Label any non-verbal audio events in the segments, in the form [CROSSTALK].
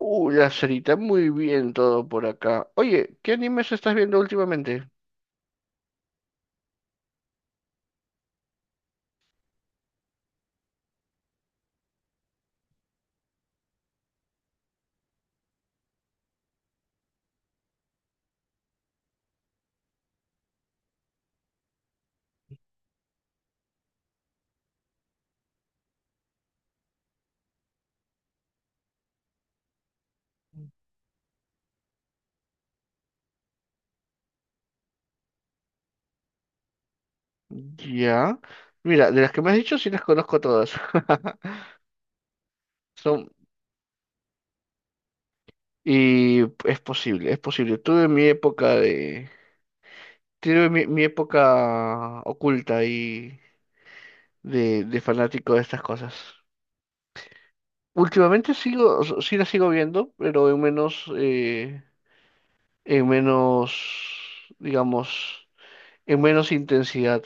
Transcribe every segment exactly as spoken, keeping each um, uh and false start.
Uh, la cerita, muy bien todo por acá. Oye, ¿qué animes estás viendo últimamente? Ya. Mira, de las que me has dicho sí las conozco todas. [LAUGHS] Son, y es posible, es posible. Tuve mi época de. Tuve mi, mi época oculta y de, de fanático de estas cosas. Últimamente sigo, o sea, sí las sigo viendo, pero en menos, eh, en menos, digamos, en menos intensidad.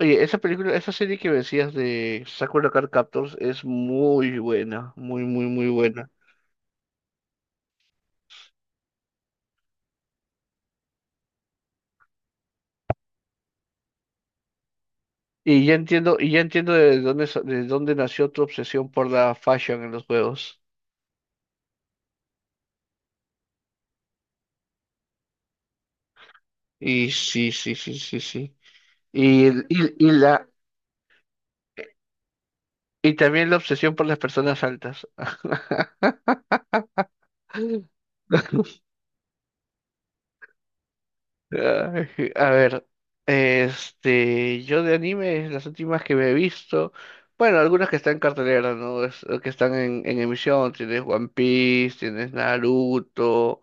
Oye, esa película, esa serie que me decías de Sakura no Card Captors es muy buena, muy, muy, muy buena. Y ya entiendo, y ya entiendo de dónde, sa- de dónde nació tu obsesión por la fashion en los juegos. Y sí, sí, sí, sí, sí. Y, el- y, y la, y también la obsesión por las personas altas. [LAUGHS] Ay, a ver, este, yo de animes, las últimas que me he visto, bueno, algunas que están en cartelera, ¿no? Es- que están en, en emisión, tienes One Piece, tienes Naruto,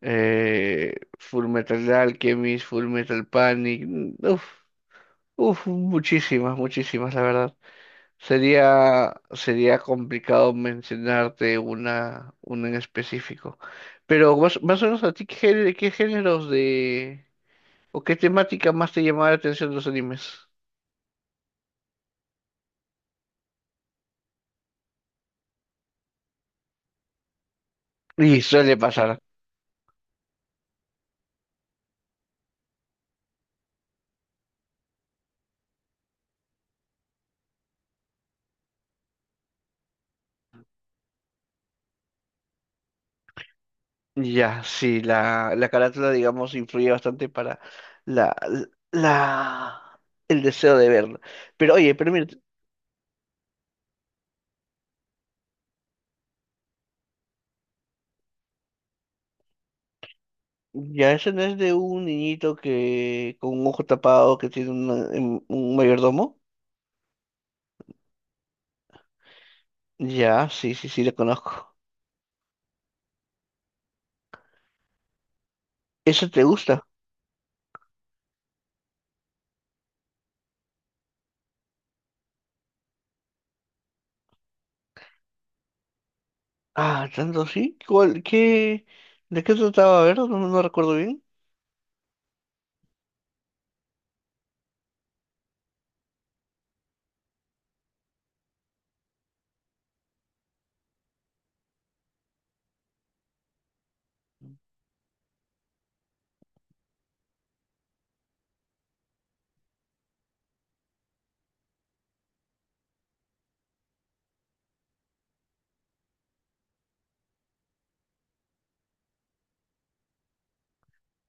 eh, Full Metal Alchemist, Full Metal Panic, mm, uf, uf, muchísimas, muchísimas, la verdad. Sería, sería complicado mencionarte una, una en específico. Pero más, más o menos a ti, ¿qué género- ¿qué géneros de... ¿O qué temática más te llamaba la atención de los animes? Y suele pasar. Ya, sí, la, la carátula, digamos, influye bastante para la, la, el deseo de verla. Pero oye, pero mira, ya eso no es de un niñito que con un ojo tapado que tiene una- em, un mayordomo. Ya, sí, sí, sí, la conozco. ¿Eso te gusta? Ah, tanto sí. ¿Cuál, qué, de qué trataba? A ver, no, no recuerdo bien.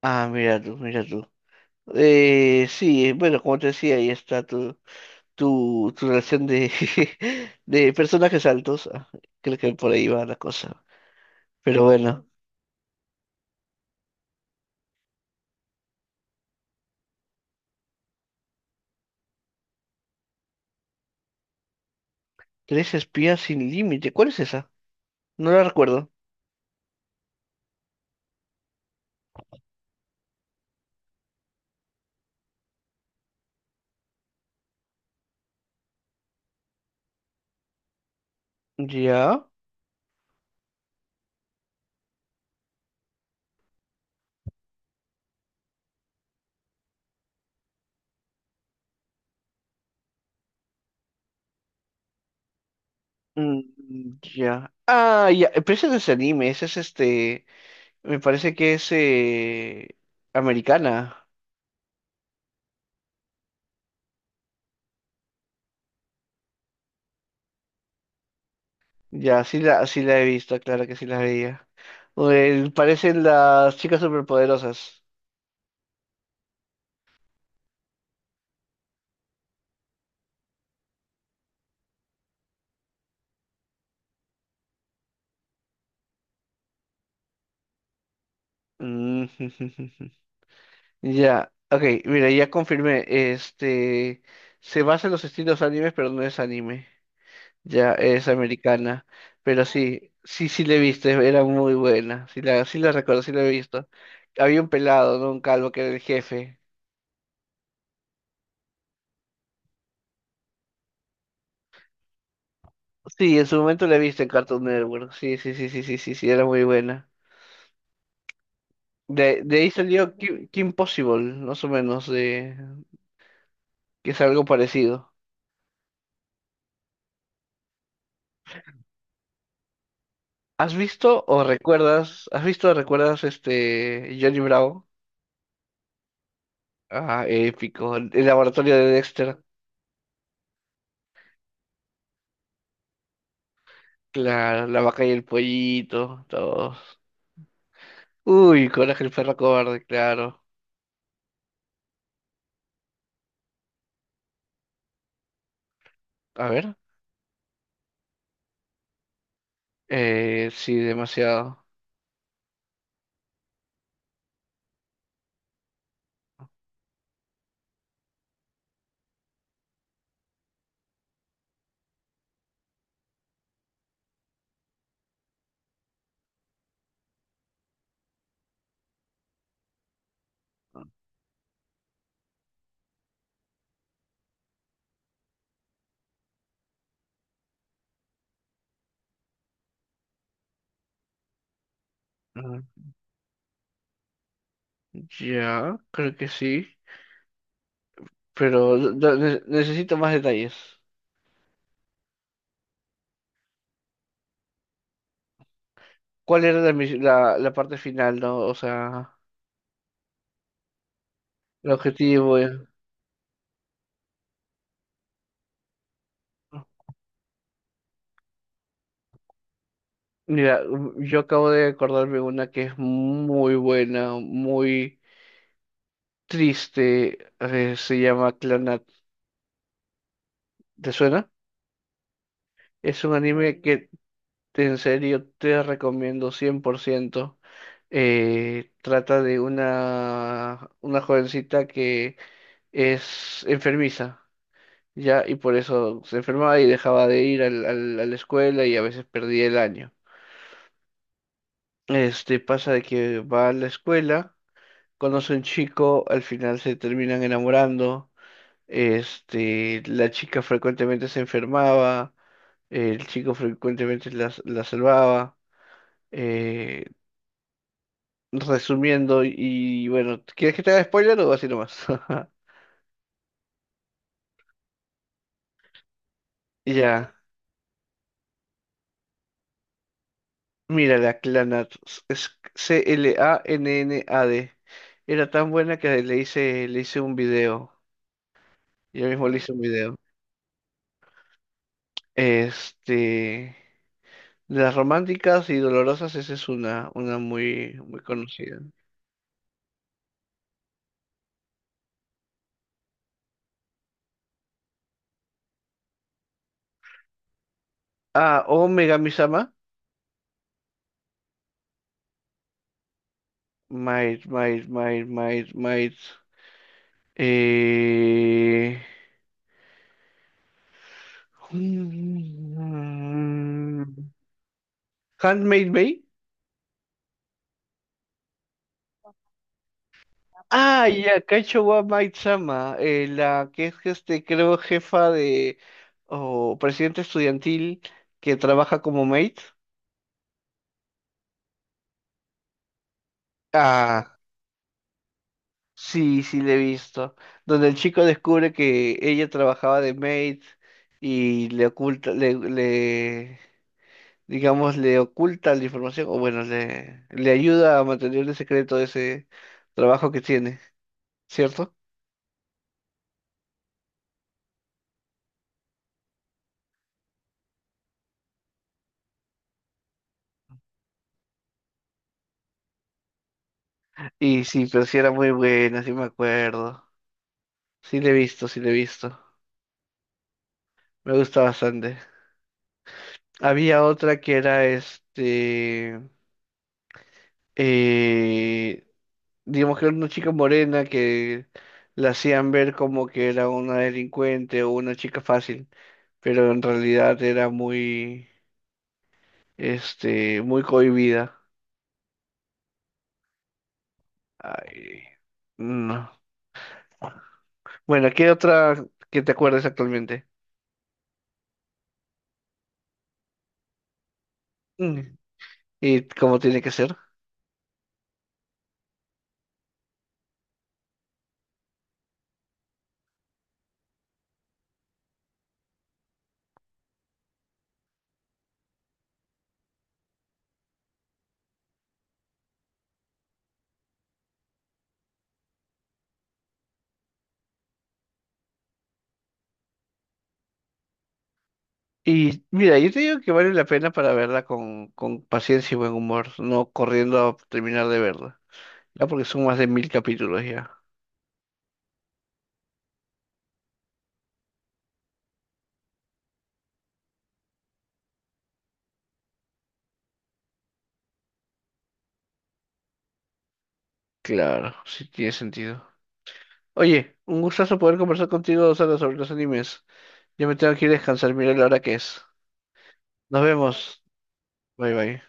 Ah, mira tú, mira tú. Eh, sí, bueno, como te decía, ahí está tu, tu, tu relación de, [LAUGHS] de personajes altos. Ah, creo que por ahí va la cosa. Pero bueno, tres espías sin límite. ¿Cuál es esa? No la recuerdo. Ya. Mm, ya. Ah, ya. eh, Pero ese no es anime, ese es este. Me parece que es eh, americana. Ya, sí la, sí la he visto, claro que sí la veía. Eh, parecen las chicas superpoderosas. Mm. [LAUGHS] Ya, ok, mira, ya confirmé. Este se basa en los estilos animes, pero no es anime. Ya es americana. Pero sí, sí, sí la he visto, era muy buena. Sí la, sí la recuerdo, sí la he visto. Había un pelado, ¿no? Un calvo que era el jefe. Sí, en su momento la he visto en Cartoon Network. Sí, sí, sí, sí, sí, sí, sí, era muy buena. De, de ahí salió Kim, Kim Possible, más o menos, de que es algo parecido. ¿Has visto o recuerdas? ¿Has visto o recuerdas este Johnny Bravo? Ah, épico. El laboratorio de Dexter. Claro, la vaca y el pollito, todos. Uy, Coraje el perro cobarde, claro. A ver. Eh, sí, demasiado. Ah, ya, creo que sí. Pero do- do- ne- necesito más detalles. ¿Cuál era la, mis- la, la parte final, no? O sea, el objetivo. eh. Mira, mm, yo acabo de acordarme una que es muy buena, muy triste. Eh, se llama Clanat. ¿Te suena? Es un anime que te- en serio te recomiendo cien por ciento. Eh, trata de una, una jovencita que es enfermiza, ¿ya? Y por eso se enfermaba y dejaba de ir al- al- a la escuela y a veces perdía el año. Este pasa de que va a la escuela, conoce a un chico, al final se terminan enamorando. Este, la chica frecuentemente se enfermaba, el chico frecuentemente la, la salvaba. Eh, resumiendo, y bueno, ¿quieres que te haga spoiler o así nomás? [LAUGHS] Ya, mira la Clanat, es C-L-A-N-N-A-D. Era tan buena que le hice, le hice un video. Yo mismo le hice un video. Este, de las románticas y dolorosas, esa es una, una muy, muy conocida. Ah, o Megami-sama. Might, might, might, might, might. Eh... mm, Handmade Bay. Ah, ya, Kaicho wa Maid-sama, eh, la que es, este, creo, jefa de, o presidente estudiantil que trabaja como maid. Ah, sí, sí, le he visto. Donde el chico descubre que ella trabajaba de maid y le oculta, le, le, digamos, le oculta la información, o bueno, le, le ayuda a mantener el secreto de ese trabajo que tiene, ¿cierto? Y sí, pero sí era muy buena, sí me acuerdo. Sí, le he visto, sí, le he visto. Me gusta bastante. Había otra que era este. eh, digamos que era una chica morena que la hacían ver como que era una delincuente o una chica fácil, pero en realidad era muy, este, muy cohibida. Ay, no. Bueno, ¿qué otra que te acuerdes actualmente? Mm, ¿Y cómo tiene que ser? Y mira, yo te digo que vale la pena para verla con, con paciencia y buen humor, no corriendo a terminar de verla. Ya porque son más de mil capítulos ya. Claro, sí tiene sentido. Oye, un gustazo poder conversar contigo dos horas sobre los animes. Ya me tengo que ir a descansar, mira la hora que es. Nos vemos. Bye bye.